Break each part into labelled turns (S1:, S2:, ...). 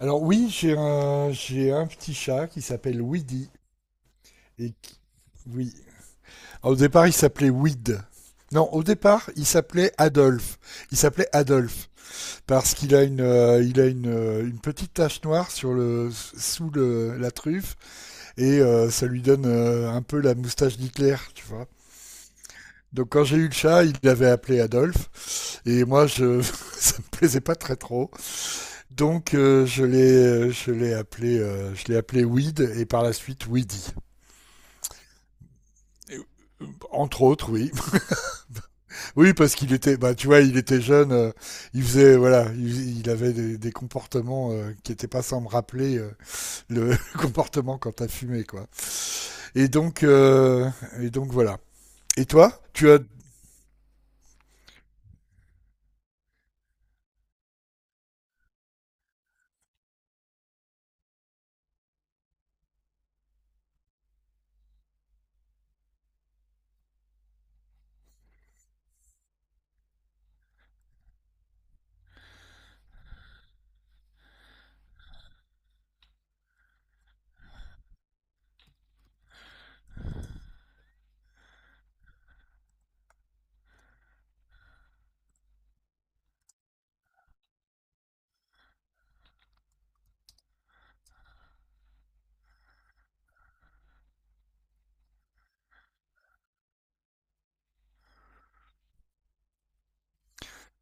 S1: Alors oui, j'ai un petit chat qui s'appelle Weedy. Et qui- oui. Alors, au départ, il s'appelait Weed. Non, au départ, il s'appelait Adolphe. Il s'appelait Adolphe parce qu'une petite tache noire sur le, sous le, la truffe et ça lui donne un peu la moustache d'Hitler, tu vois. Donc quand j'ai eu le chat, il l'avait appelé Adolphe et moi, ça me plaisait pas très trop. Donc je l'ai appelé Weed et par la suite Weedy. Et, euh, Entre autres, oui. Oui, parce qu'il était, bah, tu vois, il était jeune, il faisait, voilà, il avait des comportements qui n'étaient pas sans me rappeler le comportement quand t'as fumé, quoi. Et donc, euh, et donc voilà. Et toi,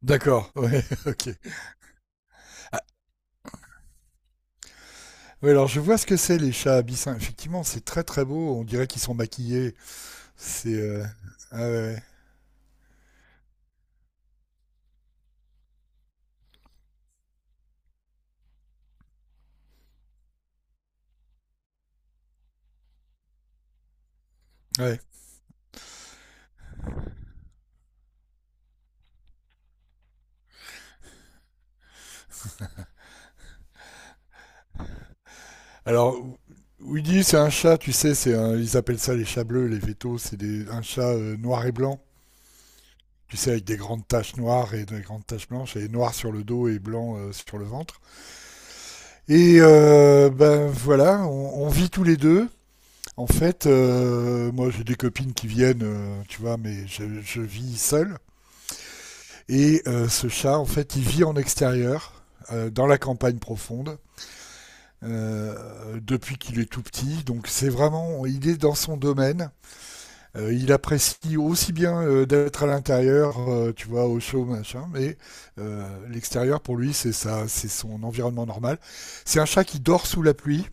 S1: d'accord, ouais, ok. Ouais, alors je vois ce que c'est les chats abyssins. Effectivement, c'est très très beau. On dirait qu'ils sont maquillés. C'est, euh, ah ouais, ouais. Ouais. Alors, Woody, c'est un chat, tu sais, ils appellent ça les chats bleus, les vétos, un chat noir et blanc, tu sais, avec des grandes taches noires et des grandes taches blanches, et noir sur le dos et blanc sur le ventre. Ben voilà, on vit tous les deux. En fait, moi j'ai des copines qui viennent, tu vois, mais je vis seul. Ce chat, en fait, il vit en extérieur, dans la campagne profonde, depuis qu'il est tout petit. Donc c'est vraiment, il est dans son domaine. Il apprécie aussi bien d'être à l'intérieur, tu vois, au chaud, machin, mais l'extérieur pour lui, c'est ça, c'est son environnement normal. C'est un chat qui dort sous la pluie,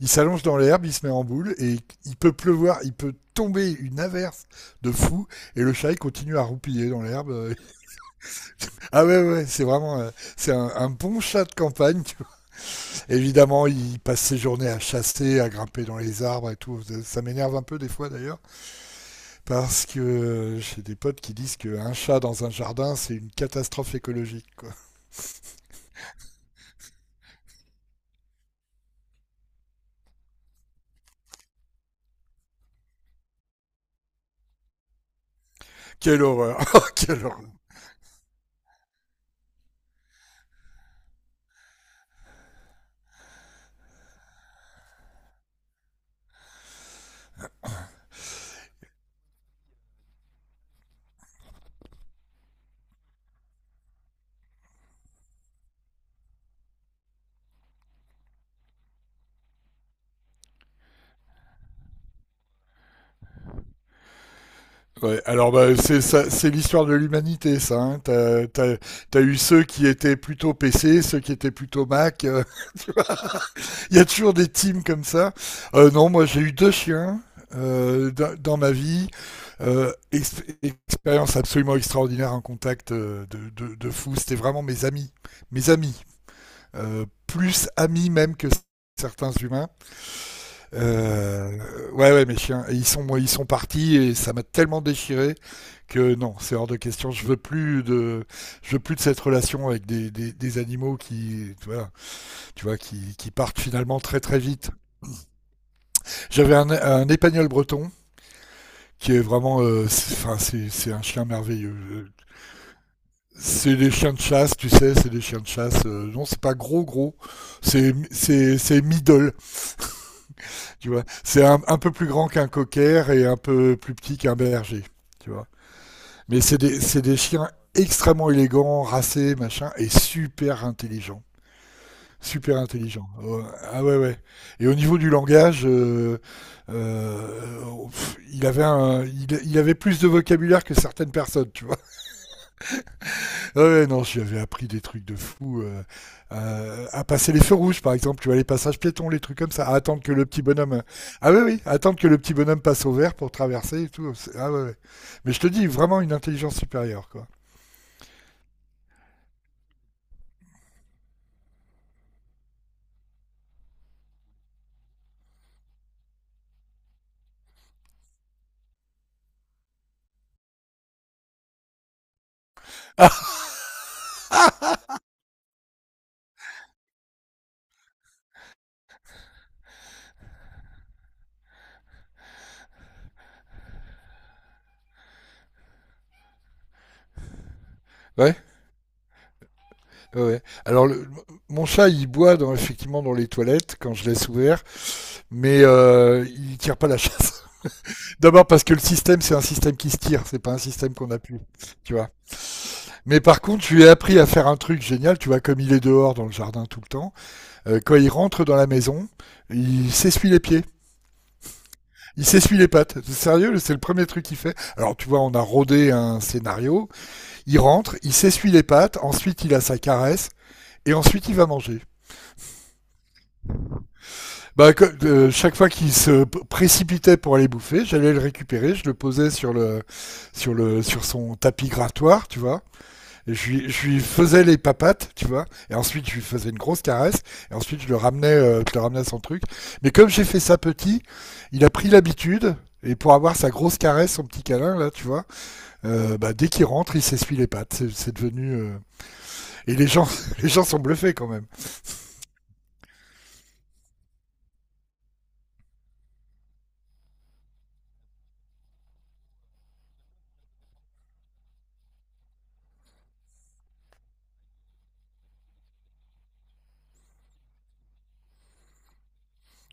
S1: il s'allonge dans l'herbe, il se met en boule et il peut pleuvoir, il peut tomber une averse de fou et le chat il continue à roupiller dans l'herbe. Ah ouais ouais, c'est vraiment c'est un bon chat de campagne. Tu vois. Évidemment, il passe ses journées à chasser, à grimper dans les arbres et tout. Ça m'énerve un peu des fois d'ailleurs. Parce que j'ai des potes qui disent qu'un chat dans un jardin, c'est une catastrophe écologique, quoi. Quelle horreur. Quelle horreur. Ouais, alors bah, c'est ça, c'est l'histoire de l'humanité, ça, hein. T'as eu ceux qui étaient plutôt PC, ceux qui étaient plutôt Mac. Tu vois. Il y a toujours des teams comme ça. Non, moi j'ai eu deux chiens dans ma vie. Expérience absolument extraordinaire en contact de fou. C'était vraiment mes amis, mes amis. Plus amis même que certains humains. Euh, ouais, ouais, mes chiens, ils sont partis et ça m'a tellement déchiré que non, c'est hors de question. Je veux plus de cette relation avec des animaux qui, tu vois, tu vois qui partent finalement très très vite. J'avais un épagnol breton qui est vraiment, enfin, c'est un chien merveilleux. C'est des chiens de chasse, tu sais, c'est des chiens de chasse. Non, c'est pas gros gros, c'est middle. Tu vois, c'est un peu plus grand qu'un cocker et un peu plus petit qu'un berger. Tu vois. Mais c'est des chiens extrêmement élégants, racés, machin, et super intelligents. Super intelligents. Oh. Ah ouais, ouais. Et au niveau du langage, pff, il avait plus de vocabulaire que certaines personnes, tu vois. Ah ouais, non, si j'avais appris des trucs de fou. À passer les feux rouges, par exemple, tu vois, les passages piétons, les trucs comme ça, à attendre que le petit bonhomme. Ah oui, oui, attendre que le petit bonhomme passe au vert pour traverser et tout. Ah ouais, ouais. Mais je te dis, vraiment une intelligence supérieure, quoi. Ah ouais, ouais. Ouais. Alors, mon chat, il boit dans, effectivement, dans les toilettes quand je laisse ouvert, mais il tire pas la chasse. D'abord parce que le système, c'est un système qui se tire, c'est pas un système qu'on appuie, tu vois. Mais par contre, je lui ai appris à faire un truc génial, tu vois, comme il est dehors dans le jardin tout le temps, quand il rentre dans la maison, il s'essuie les pieds, il s'essuie les pattes. Sérieux, c'est le premier truc qu'il fait. Alors tu vois, on a rodé un scénario, il rentre, il s'essuie les pattes, ensuite il a sa caresse, et ensuite il va manger. Bah, chaque fois qu'il se précipitait pour aller bouffer, j'allais le récupérer, je le posais sur le, sur son tapis grattoir, tu vois. Je lui faisais les papates, tu vois, et ensuite je lui faisais une grosse caresse, et ensuite je le ramenais à son truc. Mais comme j'ai fait ça petit, il a pris l'habitude, et pour avoir sa grosse caresse, son petit câlin, là, tu vois, bah, dès qu'il rentre, il s'essuie les pattes. C'est devenu. Et les gens, les gens sont bluffés quand même.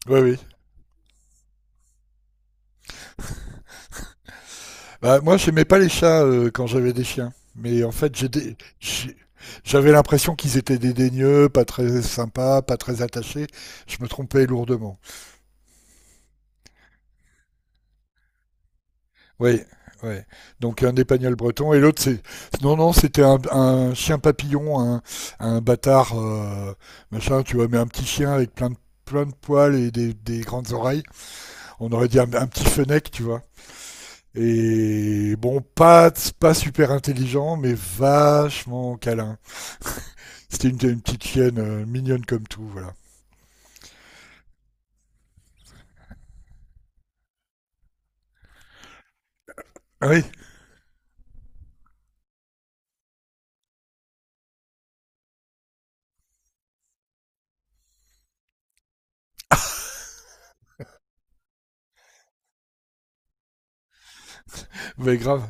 S1: Oui, oui. Bah, moi, j'aimais pas les chats quand j'avais des chiens. Mais en fait, j'avais l'impression qu'ils étaient dédaigneux, pas très sympas, pas très attachés. Je me trompais lourdement. Oui, ouais. Donc un d'Épagnol breton et l'autre c'est non, non, c'était un chien papillon, un bâtard machin, tu vois, mais un petit chien avec plein de poils et des grandes oreilles. On aurait dit un petit fenec, tu vois. Et bon, pas super intelligent, mais vachement câlin. C'était une petite chienne mignonne comme tout, voilà. Ah oui, mais grave.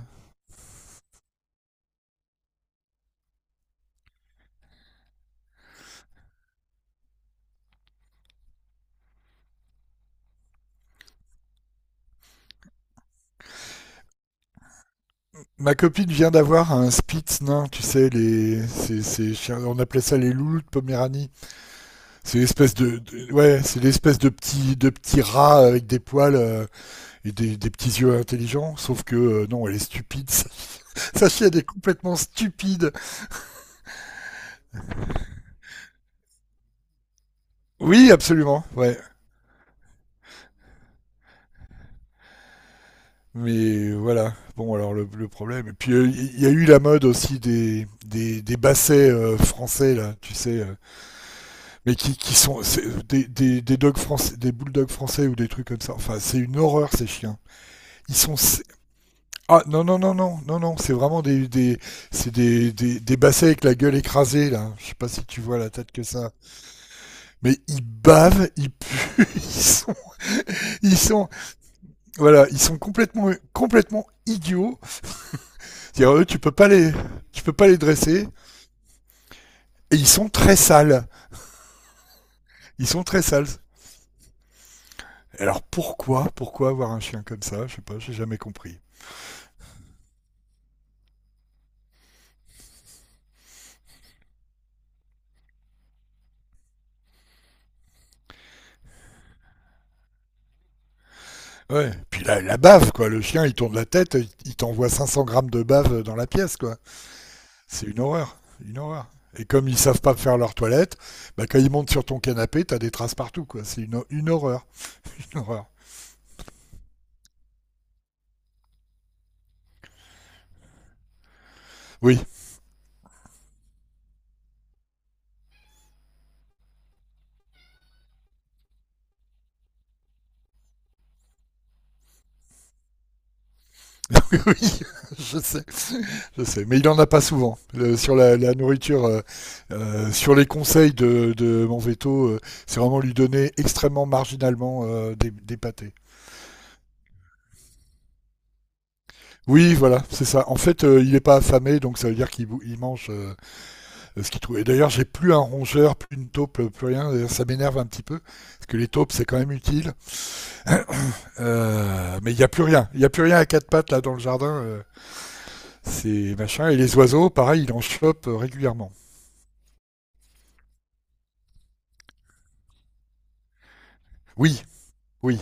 S1: Ma copine vient d'avoir un Spitz nain, tu sais, ces chiens, on appelait ça les loulous de Poméranie. C'est l'espèce de, ouais, c'est l'espèce de petit rat avec des poils et des petits yeux intelligents, sauf que non, elle est stupide. Sachi, elle est complètement stupide. Oui, absolument, ouais. Mais voilà. Bon, alors le problème. Et puis il y a eu la mode aussi des bassets français là, tu sais, mais qui sont des dogs français, des bulldogs français ou des trucs comme ça. Enfin, c'est une horreur ces chiens. Ils sont Ah, non non non non non non, c'est vraiment des c'est des bassets avec la gueule écrasée là, je sais pas si tu vois la tête que ça. Mais ils bavent, ils puent. Ils sont voilà, ils sont complètement complètement idiots. Dire eux tu peux pas les Tu peux pas les dresser. Et ils sont très sales, ils sont très sales. Alors pourquoi avoir un chien comme ça, je sais pas, j'ai jamais compris. Ouais, puis la bave, quoi. Le chien il tourne la tête, il t'envoie 500 grammes de bave dans la pièce, quoi. C'est une horreur, une horreur. Et comme ils savent pas faire leur toilette, bah quand ils montent sur ton canapé, t'as des traces partout, quoi. C'est une horreur, une horreur. Oui, oui, oui, je sais, je sais. Mais il en a pas souvent. Sur la nourriture, sur les conseils de mon veto, c'est vraiment lui donner extrêmement marginalement des pâtés. Oui, voilà, c'est ça. En fait, il est pas affamé, donc ça veut dire il mange ce qu'il trouvait. D'ailleurs, j'ai plus un rongeur, plus une taupe, plus rien. Ça m'énerve un petit peu, parce que les taupes, c'est quand même utile. Mais il n'y a plus rien. Il n'y a plus rien à quatre pattes là dans le jardin. C'est machin. Et les oiseaux, pareil, il en chope régulièrement. Oui, oui.